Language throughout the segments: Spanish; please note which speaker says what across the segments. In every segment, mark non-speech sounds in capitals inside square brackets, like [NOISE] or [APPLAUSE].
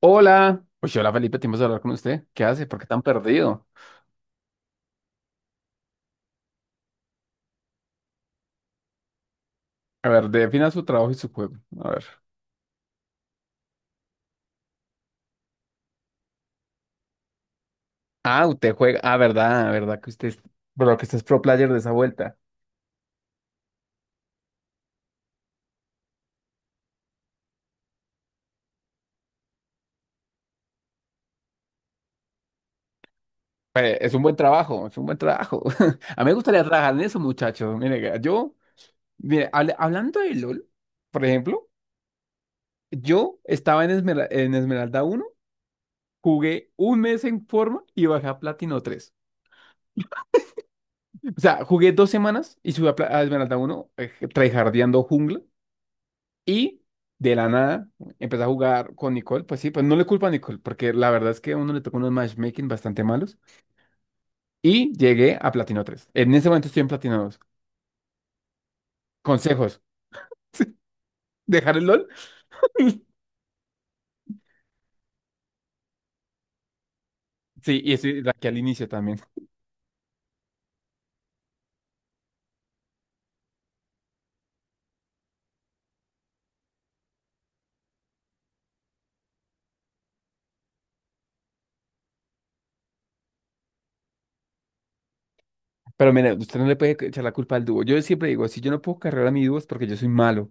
Speaker 1: Hola. Hola Felipe, tiempo de hablar con usted. ¿Qué hace? ¿Por qué tan perdido? A ver, defina su trabajo y su juego. A ver. Ah, usted juega. Ah, verdad, verdad que usted es... Pero que usted es pro player de esa vuelta. Pues, es un buen trabajo, es un buen trabajo. [LAUGHS] A mí me gustaría trabajar en eso, muchachos. Mire, yo, mire, hablando de LOL, por ejemplo, yo estaba en, en Esmeralda uno, jugué un mes en forma y bajé a Platino 3. O sea, jugué dos semanas y subí a, a Esmeralda uno, tryhardeando jungla. Y de la nada empecé a jugar con Nicole. Pues sí, pues no le culpo a Nicole, porque la verdad es que a uno le tocó unos matchmaking bastante malos. Y llegué a Platino tres. En ese momento estoy en Platino dos. Consejos: [LAUGHS] dejar el LOL. [LAUGHS] Sí, y estoy aquí al inicio también. Pero mira, usted no le puede echar la culpa al dúo. Yo siempre digo, si yo no puedo cargar a mi dúo es porque yo soy malo.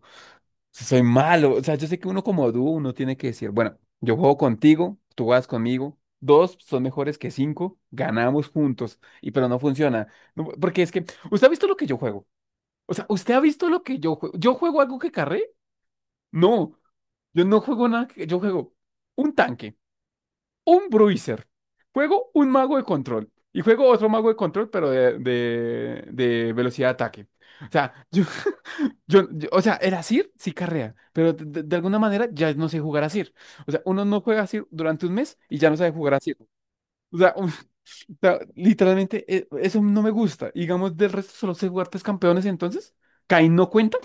Speaker 1: Sea, soy malo. O sea, yo sé que uno como dúo, uno tiene que decir, bueno, yo juego contigo, tú vas conmigo, dos son mejores que cinco, ganamos juntos, y pero no funciona. No, ¿usted ha visto lo que yo juego? O sea, ¿usted ha visto lo que yo juego? ¿Yo juego algo que carré? No, yo no juego nada, yo juego un tanque, un bruiser, juego un mago de control, y juego otro mago de control, pero de velocidad de ataque. O sea, [LAUGHS] yo... o sea, el Asir sí carrea, pero de alguna manera ya no sé jugar Asir. O sea, uno no juega Asir durante un mes y ya no sabe jugar Asir. O sea, o sea, literalmente eso no me gusta. Y digamos, del resto solo sé jugar tres campeones, entonces, ¿Kayn no cuenta?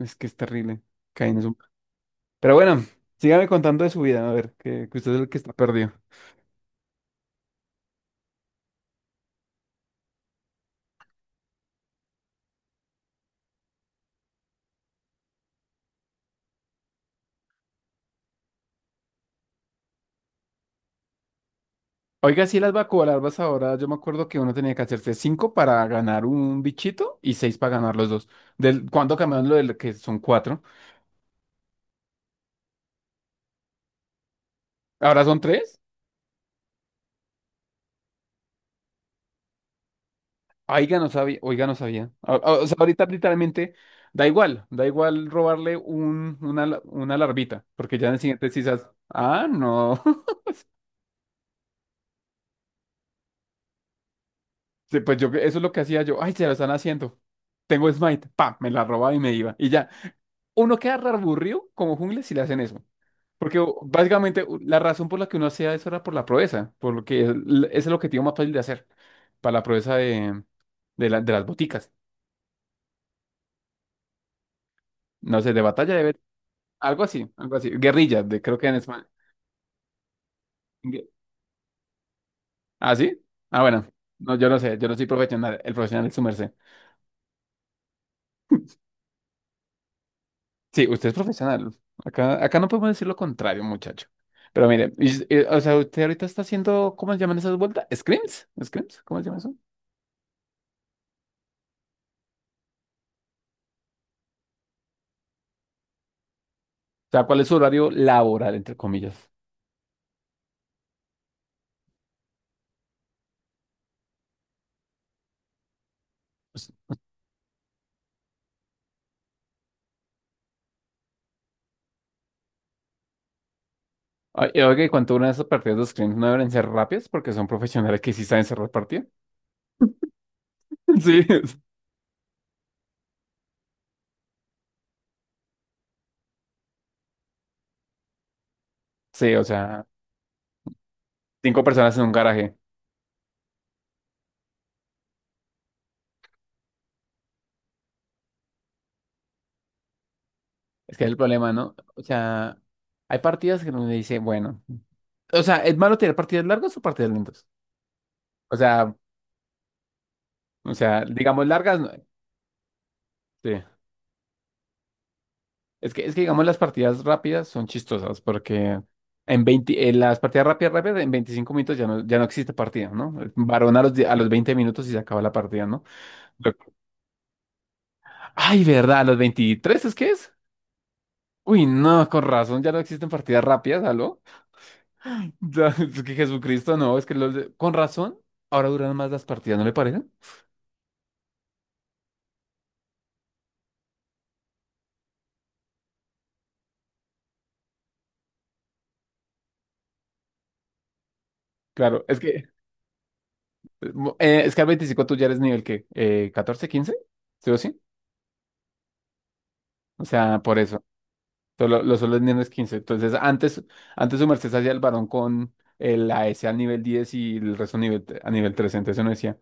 Speaker 1: Es que es terrible. Kayn es un... Pero bueno, sígame contando de su vida, a ver, que usted es el que está perdido. Oiga, sí, las vacuolarvas ahora, yo me acuerdo que uno tenía que hacerse cinco para ganar un bichito y seis para ganar los dos. Del, ¿cuando cambiaron lo del que son cuatro? Ahora son tres. Oiga, no sabía, oiga, no sabía. O sea, ahorita literalmente da igual robarle un, una, la- una larvita, porque ya en el siguiente quizás, ah, no. [LAUGHS] Sí, pues yo, eso es lo que hacía yo, ay, se lo están haciendo. Tengo Smite, pa, me la robaba y me iba. Y ya, uno queda re aburrido como jungla si le hacen eso. Porque básicamente la razón por la que uno hacía eso era por la proeza, por lo que es, l- es el objetivo más fácil de hacer, para la proeza de las boticas. No sé, de batalla de... Algo así, algo así. Guerrilla, de, creo que en, Sma- Bien. ¿Ah, sí? Ah, bueno. No, yo no sé, yo no soy profesional. El profesional es su merced. Sí, usted es profesional. Acá, acá no podemos decir lo contrario, muchacho. Pero mire, o sea, usted ahorita está haciendo, ¿cómo se llaman esas vueltas? ¿Scrims? ¿Scrims? ¿Cómo se llama eso? O sea, ¿cuál es su horario laboral, entre comillas? Pues, oye, oiga, ¿y cuánto duran esas partidas de scrims? ¿No deben ser rápidas? Porque son profesionales que sí saben cerrar partidas. [LAUGHS] Sí. Sí, o sea, cinco personas en un garaje. Es que es el problema, ¿no? O sea, hay partidas que uno dice, bueno. O sea, ¿es malo tener partidas largas o partidas lentas? O sea, o sea, digamos largas, no- sí. Es que digamos las partidas rápidas son chistosas porque en 20, en las partidas rápidas, en 25 minutos ya no, ya no existe partida, ¿no? Varón a a los 20 minutos y se acaba la partida, ¿no? Lo- Ay, ¿verdad? ¿A los 23 es que es? Uy, no, con razón, ya no existen partidas rápidas, ¿aló? [LAUGHS] Ya, es que Jesucristo, no, es que con razón, ahora duran más las partidas, ¿no le parece? Claro, es que es que Scar 25, tú ya eres nivel que 14, 15, ¿sí o sí? O sea, por eso. Solo, los solo niveles 15. Entonces, antes, antes su merced se hacía el varón con el A S al nivel 10 y el resto nivel, a nivel 13. Entonces uno decía,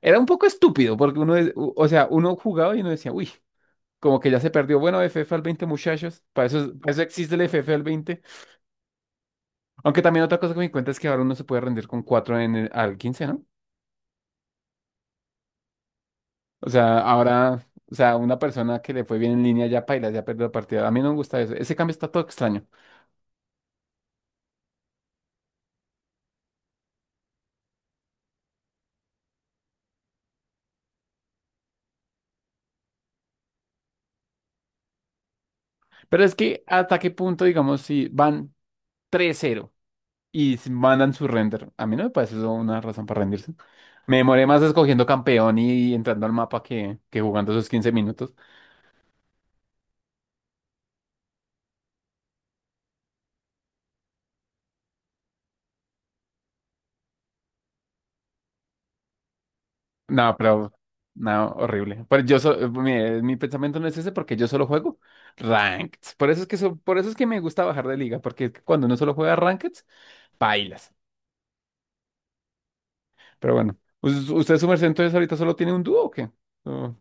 Speaker 1: era un poco estúpido porque uno, o sea, uno jugaba y uno decía, uy, como que ya se perdió. Bueno, FF al 20 muchachos. Para eso existe el FF al veinte. Aunque también otra cosa que me di cuenta es que ahora uno se puede rendir con 4 en el, al 15, ¿no? O sea, ahora, o sea, una persona que le fue bien en línea ya paila, ya perdió la partida. A mí no me gusta eso. Ese cambio está todo extraño. Pero es que hasta qué punto, digamos, si van tres cero y mandan su render, a mí no me parece eso una razón para rendirse. Me demoré más escogiendo campeón y entrando al mapa que jugando esos 15 minutos. No, pero, no, horrible. Pero yo, mi pensamiento no es ese porque yo solo juego ranked. Por eso es que, por eso es que me gusta bajar de liga, porque es que cuando uno solo juega ranked, bailas. Pero bueno. Pues, ¿usted, su merced, entonces ahorita solo tiene un dúo o qué? Oh,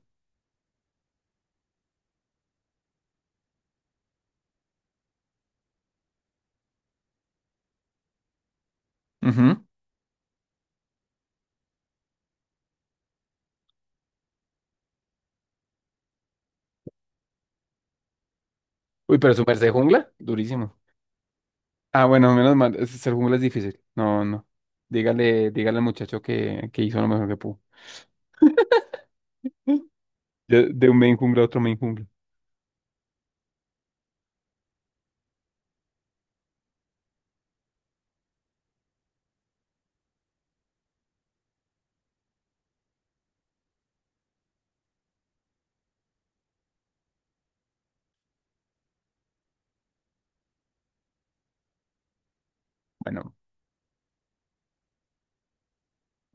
Speaker 1: ujú. Uy, pero su merced jungla, durísimo. Ah, bueno, menos mal. Ser jungla es difícil. No, no. Dígale, dígale al muchacho que hizo lo mejor que pudo. [LAUGHS] De un main jungla a otro main jungla. Bueno,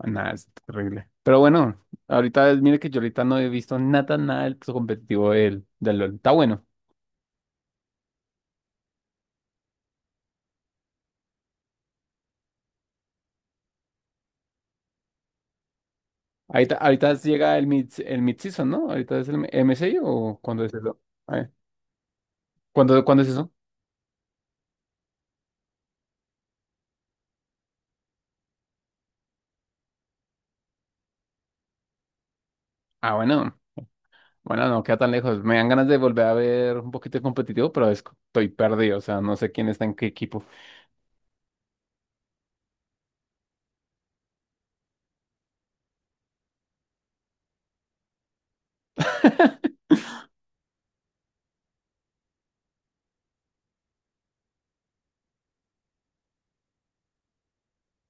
Speaker 1: nada, es terrible. Pero bueno, ahorita, mire que yo ahorita no he visto nada, nada del competitivo del, del LoL. Está bueno. Ahorita, ahorita llega el mid, el mid-season, ¿no? Ahorita es el MSI o ¿cuándo es eso? A ver, ¿cuándo, cuándo es eso? Ah, bueno. Bueno, no queda tan lejos. Me dan ganas de volver a ver un poquito de competitivo, pero estoy perdido. O sea, no sé quién está en qué equipo.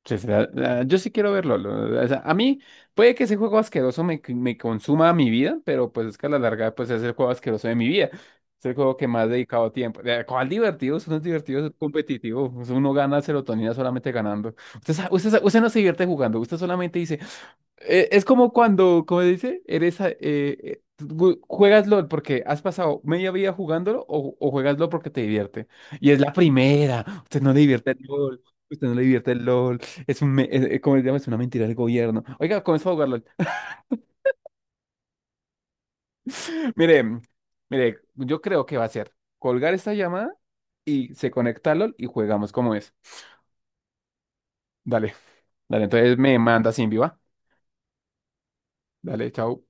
Speaker 1: Sí, sí, yo sí quiero verlo. O sea, a mí puede que ese juego asqueroso me, me consuma mi vida, pero pues es que a la larga pues es el juego asqueroso de mi vida. Es el juego que más he dedicado tiempo. ¿Cuál divertido? Eso no es divertido, eso es competitivo. Eso uno gana serotonina solamente ganando. Usted no se divierte jugando, usted solamente dice... es como cuando, como dice, eres... juegas LOL porque has pasado media vida jugándolo o juegas LOL porque te divierte. Y es la primera. Usted no le divierte el LOL. Usted no le divierte el LOL. Es un, me- es- ¿cómo se llama? Es una mentira del gobierno. Oiga, comenzó a jugarlo. [LAUGHS] Mire, mire, yo creo que va a ser colgar esta llamada y se conecta a LOL y jugamos como es. Dale, dale, entonces me manda sin viva. Dale, chao.